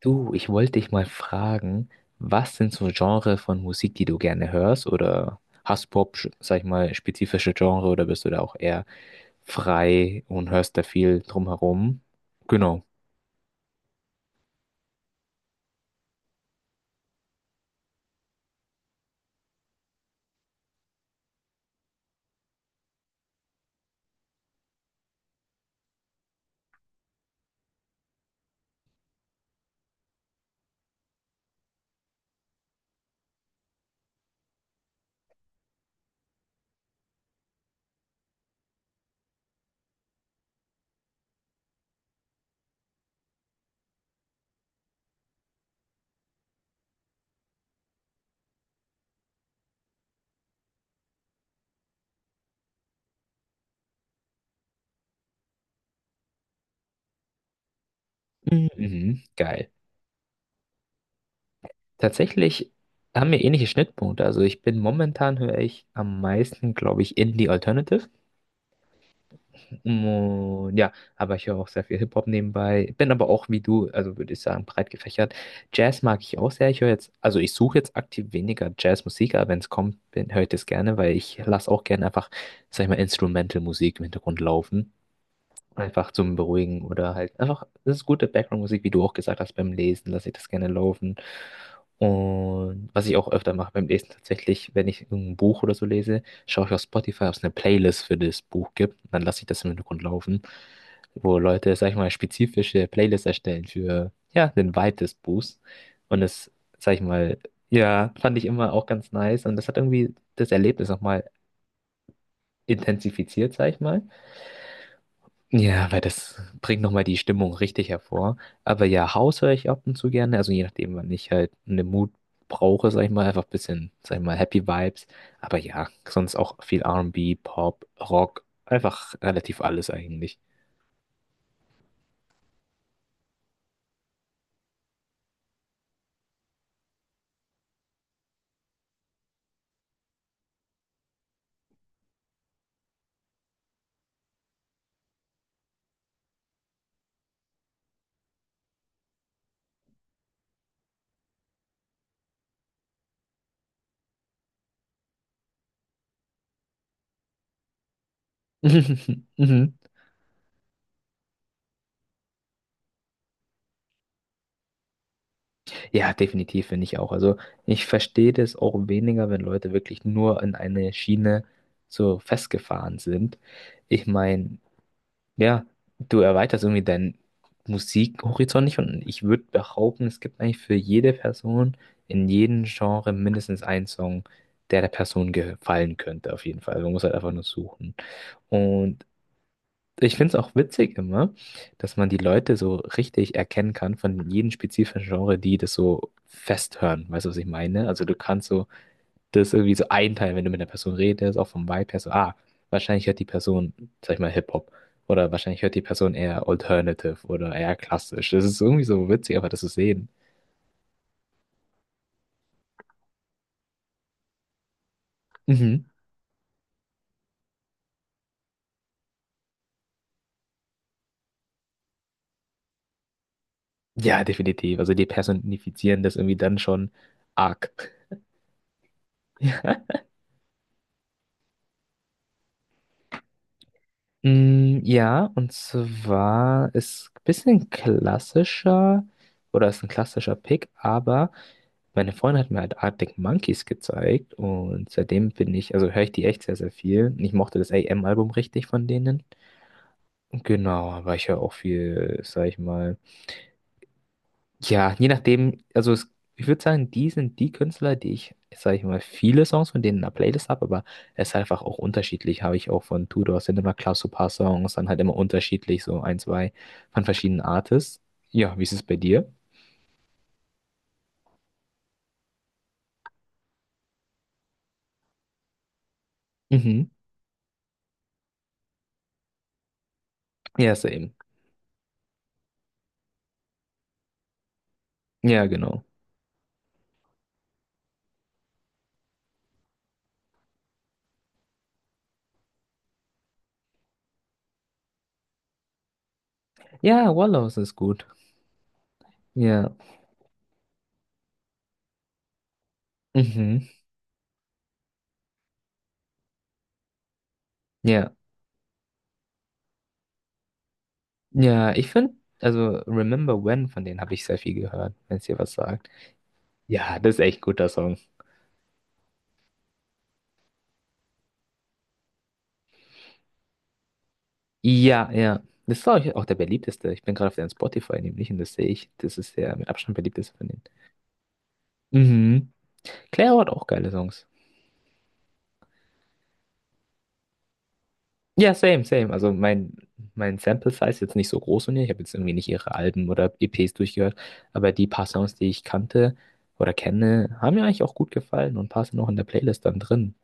Du, ich wollte dich mal fragen, was sind so Genre von Musik, die du gerne hörst? Oder hast du Pop, sag ich mal, spezifische Genre oder bist du da auch eher frei und hörst da viel drumherum? Genau. Mhm, mhm, geil. Tatsächlich haben wir ähnliche Schnittpunkte. Also ich bin momentan höre ich am meisten, glaube ich, Indie Alternative. Und ja, aber ich höre auch sehr viel Hip-Hop nebenbei. Bin aber auch wie du, also würde ich sagen, breit gefächert. Jazz mag ich auch sehr. Ich höre jetzt, also ich suche jetzt aktiv weniger Jazzmusik, aber wenn es kommt, höre ich das gerne, weil ich lasse auch gerne einfach, sag ich mal, Instrumental-Musik im Hintergrund laufen. Einfach zum Beruhigen oder halt einfach, das ist gute Background-Musik, wie du auch gesagt hast, beim Lesen lasse ich das gerne laufen. Und was ich auch öfter mache beim Lesen tatsächlich, wenn ich ein Buch oder so lese, schaue ich auf Spotify, ob es eine Playlist für das Buch gibt. Dann lasse ich das im Hintergrund laufen, wo Leute, sag ich mal, spezifische Playlists erstellen für, ja, den Vibe des Buchs. Und das, sag ich mal, ja, fand ich immer auch ganz nice. Und das hat irgendwie das Erlebnis nochmal intensifiziert, sag ich mal. Ja, weil das bringt nochmal die Stimmung richtig hervor. Aber ja, House höre ich ab und zu gerne. Also je nachdem, wann ich halt einen Mut brauche, sag ich mal, einfach ein bisschen, sag ich mal, Happy Vibes. Aber ja, sonst auch viel R&B, Pop, Rock, einfach relativ alles eigentlich. Mhm. Ja, definitiv finde ich auch. Also ich verstehe das auch weniger, wenn Leute wirklich nur in eine Schiene so festgefahren sind. Ich meine, ja, du erweiterst irgendwie deinen Musikhorizont nicht und ich würde behaupten, es gibt eigentlich für jede Person in jedem Genre mindestens einen Song, der der Person gefallen könnte, auf jeden Fall. Man muss halt einfach nur suchen. Und ich finde es auch witzig immer, dass man die Leute so richtig erkennen kann von jedem spezifischen Genre, die das so festhören. Weißt du, was ich meine? Also du kannst so Das ist irgendwie so ein Teil, wenn du mit einer Person redest, auch vom Vibe her, so, ah, wahrscheinlich hört die Person, sag ich mal, Hip-Hop. Oder wahrscheinlich hört die Person eher Alternative oder eher klassisch. Das ist irgendwie so witzig, einfach das zu sehen. Mhm. Ja, definitiv. Also die personifizieren das irgendwie dann schon arg. Mm, ja, und zwar ist ein bisschen klassischer, oder ist ein klassischer Pick, aber meine Freundin hat mir halt Arctic Monkeys gezeigt und seitdem bin ich, also höre ich die echt sehr, sehr viel. Ich mochte das AM-Album richtig von denen. Genau, aber ich höre auch viel, sag ich mal. Ja, je nachdem, also es, ich würde sagen, die sind die Künstler, die ich, sag ich mal, viele Songs von denen in der Playlist habe, aber es ist einfach auch unterschiedlich. Habe ich auch von Tudor sind immer klar so ein paar Songs, dann halt immer unterschiedlich, so ein, zwei von verschiedenen Artists. Ja, wie ist es bei dir? Mhm. Ja, same. Ja, genau. Ja, Wallows ist gut. Ja. Mhm. Ja. Ja, ich finde, also Remember When, von denen habe ich sehr viel gehört, wenn es dir was sagt. Ja, das ist echt ein guter Song. Ja, ja. Das ist, glaube ich, auch der beliebteste. Ich bin gerade auf deren Spotify nämlich und das sehe ich. Das ist der mit Abstand beliebteste von denen. Mhm. Claire hat auch geile Songs. Ja, same, same. Also mein Sample Size ist jetzt nicht so groß von ihr. Ich habe jetzt irgendwie nicht ihre Alben oder EPs durchgehört, aber die paar Songs, die ich kannte oder kenne, haben mir eigentlich auch gut gefallen und ein paar sind auch in der Playlist dann drin.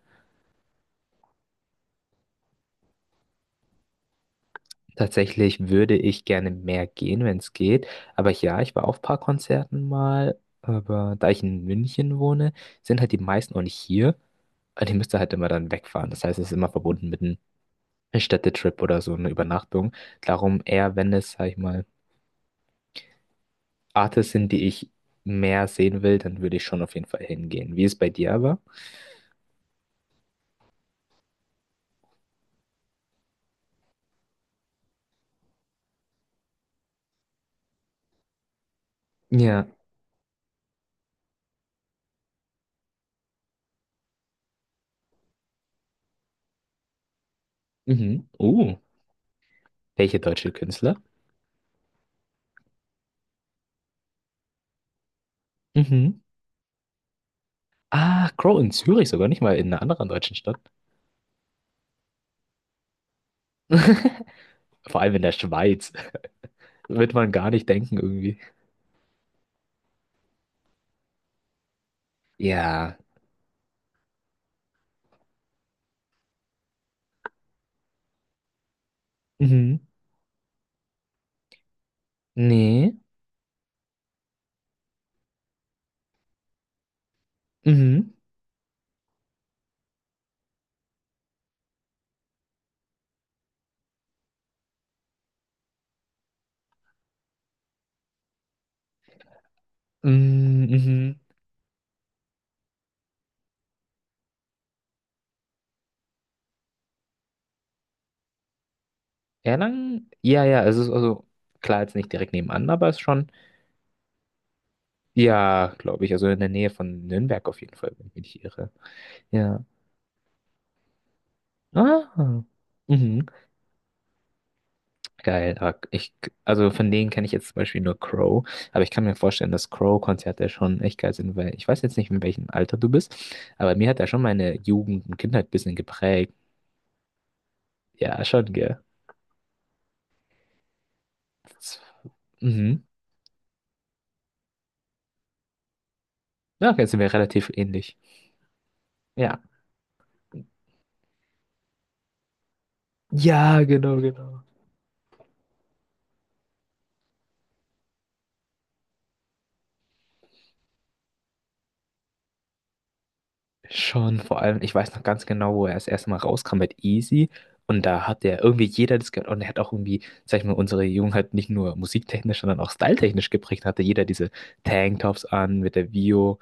Tatsächlich würde ich gerne mehr gehen, wenn es geht. Aber ja, ich war auf ein paar Konzerten mal. Aber da ich in München wohne, sind halt die meisten auch nicht hier. Also ich müsste halt immer dann wegfahren. Das heißt, es ist immer verbunden mit einem Städtetrip oder so einer Übernachtung. Darum eher, wenn es, sag ich mal, Artists sind, die ich mehr sehen will, dann würde ich schon auf jeden Fall hingehen. Wie es bei dir aber? Ja. Mhm. Oh, welche deutsche Künstler? Mhm. Ah, Crow in Zürich sogar, nicht mal in einer anderen deutschen Stadt. Vor allem in der Schweiz. Wird man gar nicht denken irgendwie. Ja. Mhm. Nee. Mhm. Mhm. Mhm. Erlangen? Ja, ja, es ist also klar jetzt nicht direkt nebenan, aber es ist schon, ja, glaube ich, also in der Nähe von Nürnberg auf jeden Fall, wenn ich mich nicht irre. Ja. Ah. Mhm. Geil. Aber ich, also von denen kenne ich jetzt zum Beispiel nur Crow, aber ich kann mir vorstellen, dass Crow-Konzerte schon echt geil sind, weil ich weiß jetzt nicht, in welchem Alter du bist, aber mir hat er schon meine Jugend und Kindheit ein bisschen geprägt. Ja, schon, gell. Mhm. Ja, okay, sind wir relativ ähnlich. Ja. Ja, genau, genau. Schon, vor allem, ich weiß noch ganz genau, wo er das erste Mal rauskam mit Easy. Und da hat der irgendwie jeder das gehört. Und er hat auch irgendwie, sag ich mal, unsere Jugend halt nicht nur musiktechnisch, sondern auch styletechnisch geprägt. Hatte jeder diese Tanktops an, mit der Vio,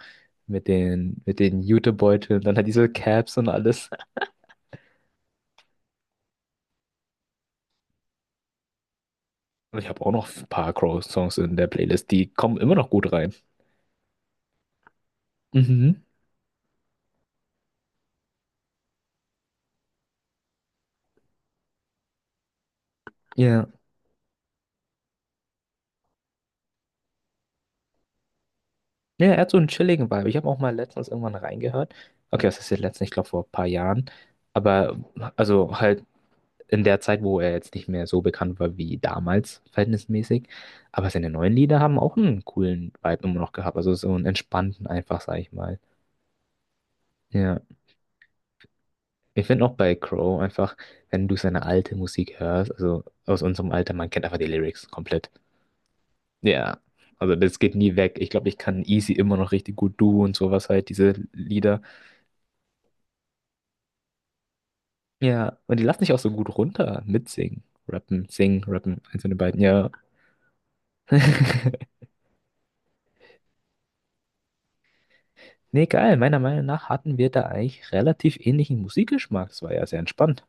mit den Jutebeuteln, dann hat diese Caps und alles. Und ich habe auch noch ein paar Crow-Songs in der Playlist, die kommen immer noch gut rein. Mhm. Ja. Ja, er hat so einen chilligen Vibe. Ich habe auch mal letztens irgendwann reingehört. Okay, was ist jetzt letztens? Ich glaube vor ein paar Jahren. Aber also halt in der Zeit, wo er jetzt nicht mehr so bekannt war wie damals, verhältnismäßig. Aber seine neuen Lieder haben auch einen coolen Vibe immer noch gehabt. Also so einen entspannten einfach, sag ich mal. Ja, ich finde auch bei Crow einfach, wenn du seine alte Musik hörst, also aus unserem Alter, man kennt einfach die Lyrics komplett. Ja, also das geht nie weg. Ich glaube, ich kann easy immer noch richtig gut du und sowas halt, diese Lieder. Ja, und die lassen dich auch so gut runter mitsingen. Rappen, singen, rappen, eins von den beiden, ja. Nee, geil. Meiner Meinung nach hatten wir da eigentlich relativ ähnlichen Musikgeschmack. Das war ja sehr entspannt.